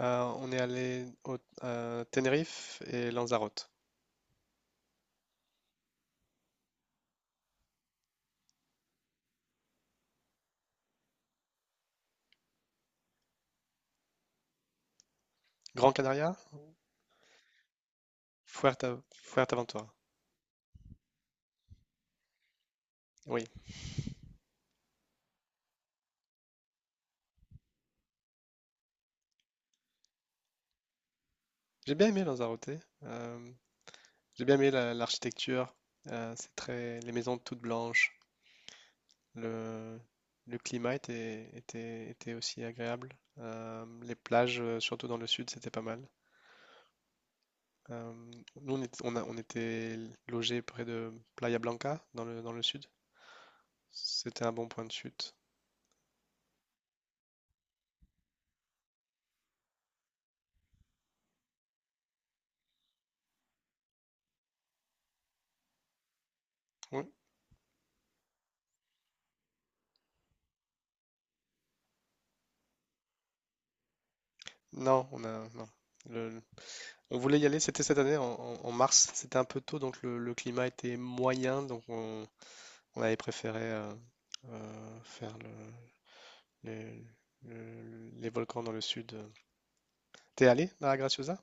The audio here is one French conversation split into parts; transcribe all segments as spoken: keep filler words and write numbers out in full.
Euh, on est allé au à Tenerife et Lanzarote. Grand Canaria, Fuerta- Fuerteventura. Oui, j'ai bien aimé Lanzarote. Euh, j'ai bien aimé la- l'architecture. Euh, c'est très, les maisons toutes blanches. Le, le climat était, était, était aussi agréable. Euh, les plages, euh, surtout dans le sud, c'était pas mal. Euh, Nous, on était, on a- on était logés près de Playa Blanca, dans le, dans le sud. C'était un bon point de chute. Oui. Non, on a, non. Le, On voulait y aller, c'était cette année en, en- en mars, c'était un peu tôt, donc le, le climat était moyen, donc on, on avait préféré euh, euh, faire le- les, le- les volcans dans le sud. T'es allé dans la Graciosa?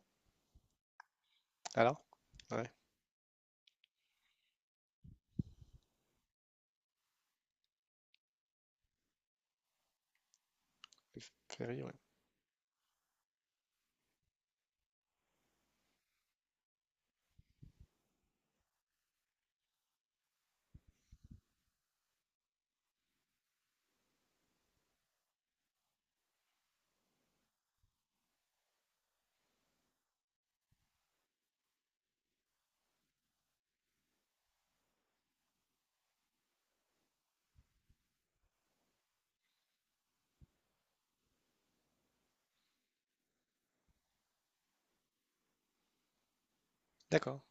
Alors? Ouais, le f- ferry, ouais. D'accord.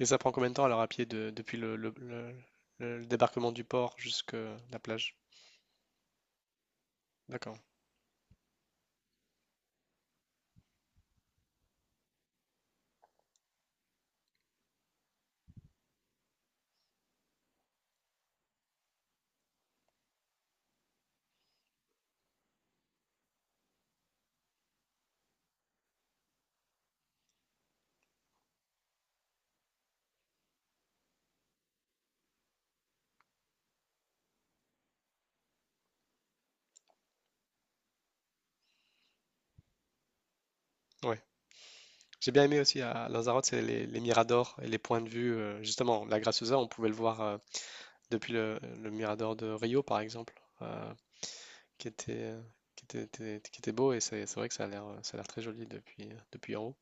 Et ça prend combien de temps alors à pied de- depuis le, le- le- le débarquement du port jusqu'à la plage? D'accord. Ouais. J'ai bien aimé aussi à Lanzarote, c'est les, les miradors et les points de vue. euh, justement, la Graciosa, on pouvait le voir. euh, Depuis le, le Mirador de Rio, par exemple, euh, qui était, qui était, était- qui était beau, et c'est c'est vrai que ça a l'air, ça a l'air très joli depuis, depuis en haut.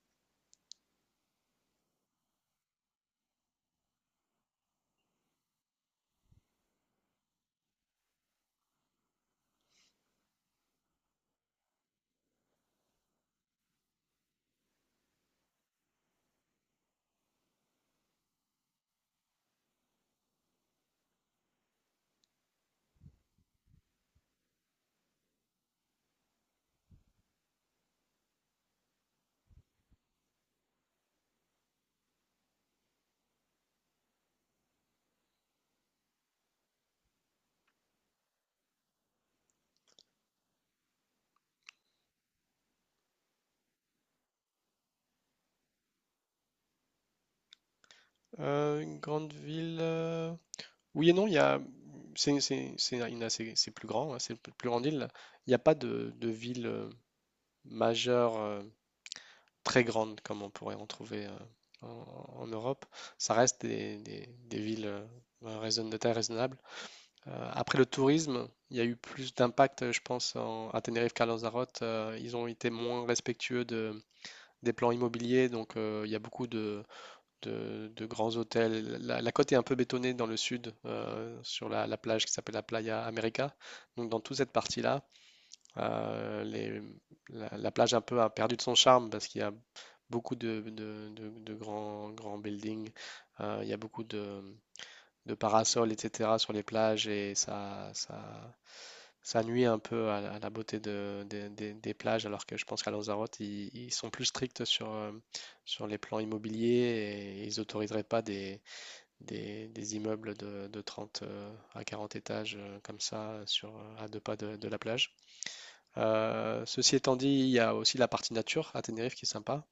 Euh, une grande ville. euh, Oui et non, il y a. C'est c'est- c'est une assez- c'est plus grand, hein, c'est une plus grande île. Il n'y a pas de, de ville euh, majeure euh, très grande comme on pourrait en trouver euh, en, en Europe. Ça reste des, des- des villes euh, raisonn- de taille raisonnable. Euh, après le tourisme, il y a eu plus d'impact, euh, je pense, en- à Tenerife qu'à Lanzarote. Euh, ils ont été moins respectueux de, des plans immobiliers, donc euh, il y a beaucoup de, de- de grands hôtels. La, la côte est un peu bétonnée dans le sud, euh, sur la, la plage qui s'appelle la Playa América. Donc dans toute cette partie-là, euh, les- la, la plage un peu a perdu de son charme parce qu'il y a beaucoup de, de- de- de grands, grands buildings. Euh, il y a beaucoup de, de parasols, et cetera sur les plages et ça, ça, ça nuit un peu à, la- à la beauté de, des des- des plages, alors que je pense qu'à Lanzarote, ils, ils sont plus stricts sur, euh, sur les plans immobiliers et ils autoriseraient pas des, des, des immeubles de, de trente euh, à quarante étages euh, comme ça euh, sur, euh, à deux pas de, de la plage. Euh, ceci étant dit, il y a aussi la partie nature à Tenerife qui est sympa.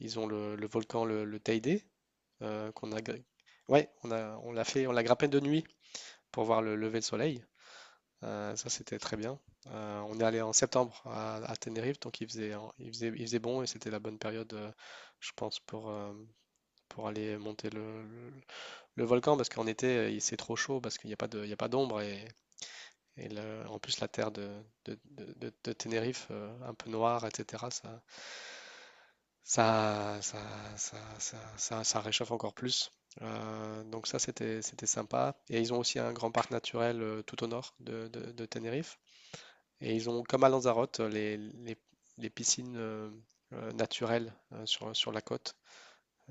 Ils ont le, le volcan, le, le Teide, euh, qu'on a... Ouais, on a, on l'a fait, on l'a grimpé de nuit pour voir le lever de soleil. Euh, ça, c'était très bien. Euh, on est allé en septembre à, à Tenerife, donc il faisait, il faisait, il faisait bon et c'était la bonne période, euh, je pense, pour, euh, pour aller monter le, le- le volcan parce qu'en été, euh, il- c'est trop chaud parce qu'il n'y a pas de, il y a pas d'ombre et, et le- en plus, la terre de, de, de- de- de Tenerife, euh, un peu noire, et cetera, ça, ça, ça, ça, ça, ça- ça réchauffe encore plus. Euh, donc ça, c'était, c'était sympa. Et ils ont aussi un grand parc naturel euh, tout au nord de, de de Tenerife. Et ils ont, comme à Lanzarote, les, les- les piscines euh, euh, naturelles euh, sur, sur la côte.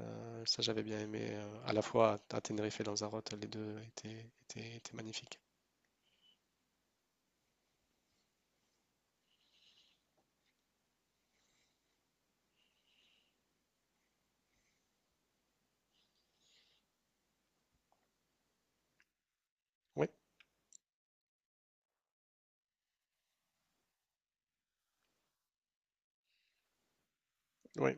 Euh, ça, j'avais bien aimé euh, à la fois à Tenerife et Lanzarote, les deux étaient, étaient- étaient magnifiques. Oui, oui,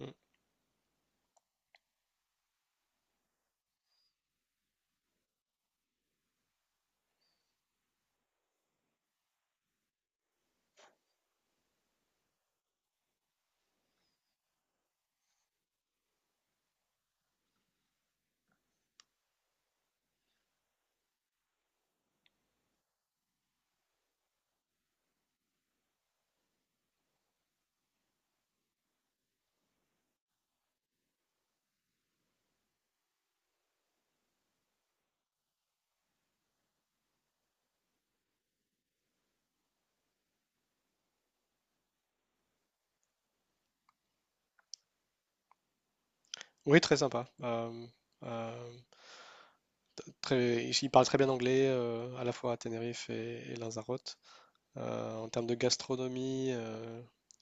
mm. Oui, très sympa. Euh, euh, t- Très, ils parlent très bien anglais euh, à la fois à Tenerife et, et Lanzarote. Euh, en termes de gastronomie, euh,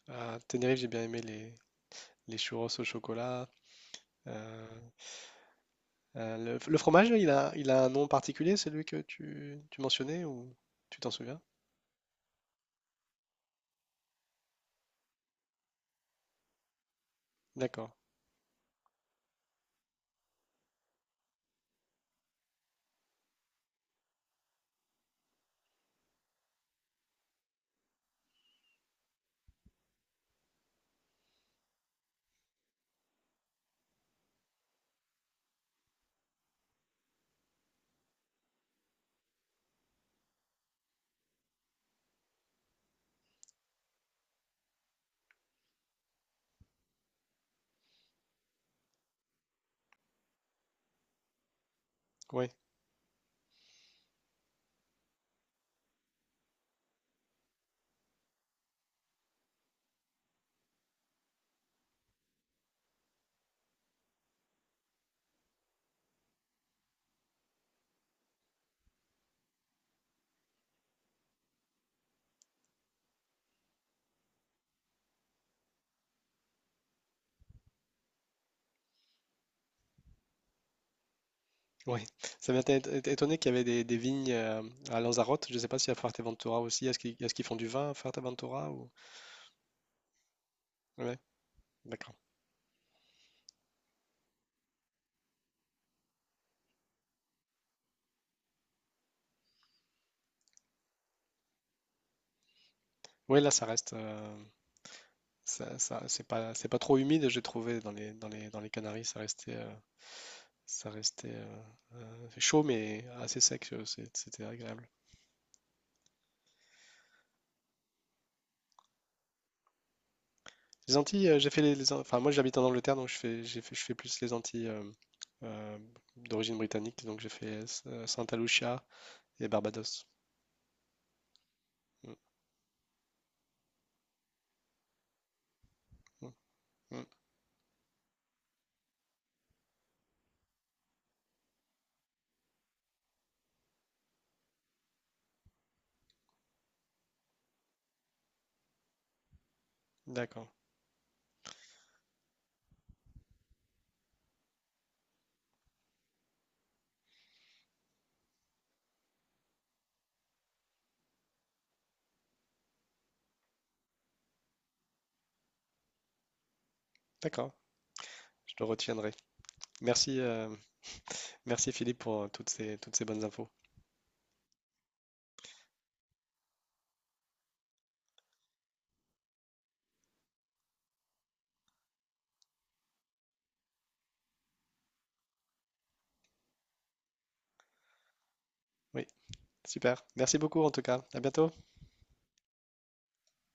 à Tenerife, j'ai bien aimé les, les churros au chocolat. Euh, Euh, le, le, fromage, là, il a, il a un nom particulier, celui que tu, tu mentionnais, ou tu t'en souviens? D'accord. Oui, oui. Ça m'a été- été étonné qu'il y avait des, des vignes euh, à Lanzarote. Je ne sais pas si à Fuerteventura aussi, est-ce qu'ils est-ce qu'ils font du vin à Fuerteventura ou... Ouais, d'accord. Oui, là, ça reste... euh, ça, ça- c'est pas, c'est pas trop humide, j'ai trouvé, dans les, dans les, dans les Canaries. Ça restait, euh, ça restait euh, chaud, mais assez sec. euh, c'est- C'était agréable. Les Antilles, euh, j'ai fait les, les An- enfin moi j'habite en Angleterre donc je fais, j'ai fait, je fais plus les Antilles euh, euh, d'origine britannique donc j'ai fait euh, Santa Lucia et Barbados. Mm, mm, mm. D'accord, d'accord, je le retiendrai. Merci, euh, Merci Philippe pour euh, toutes ces, toutes ces bonnes infos. Oui, super. Merci beaucoup en tout cas. À bientôt.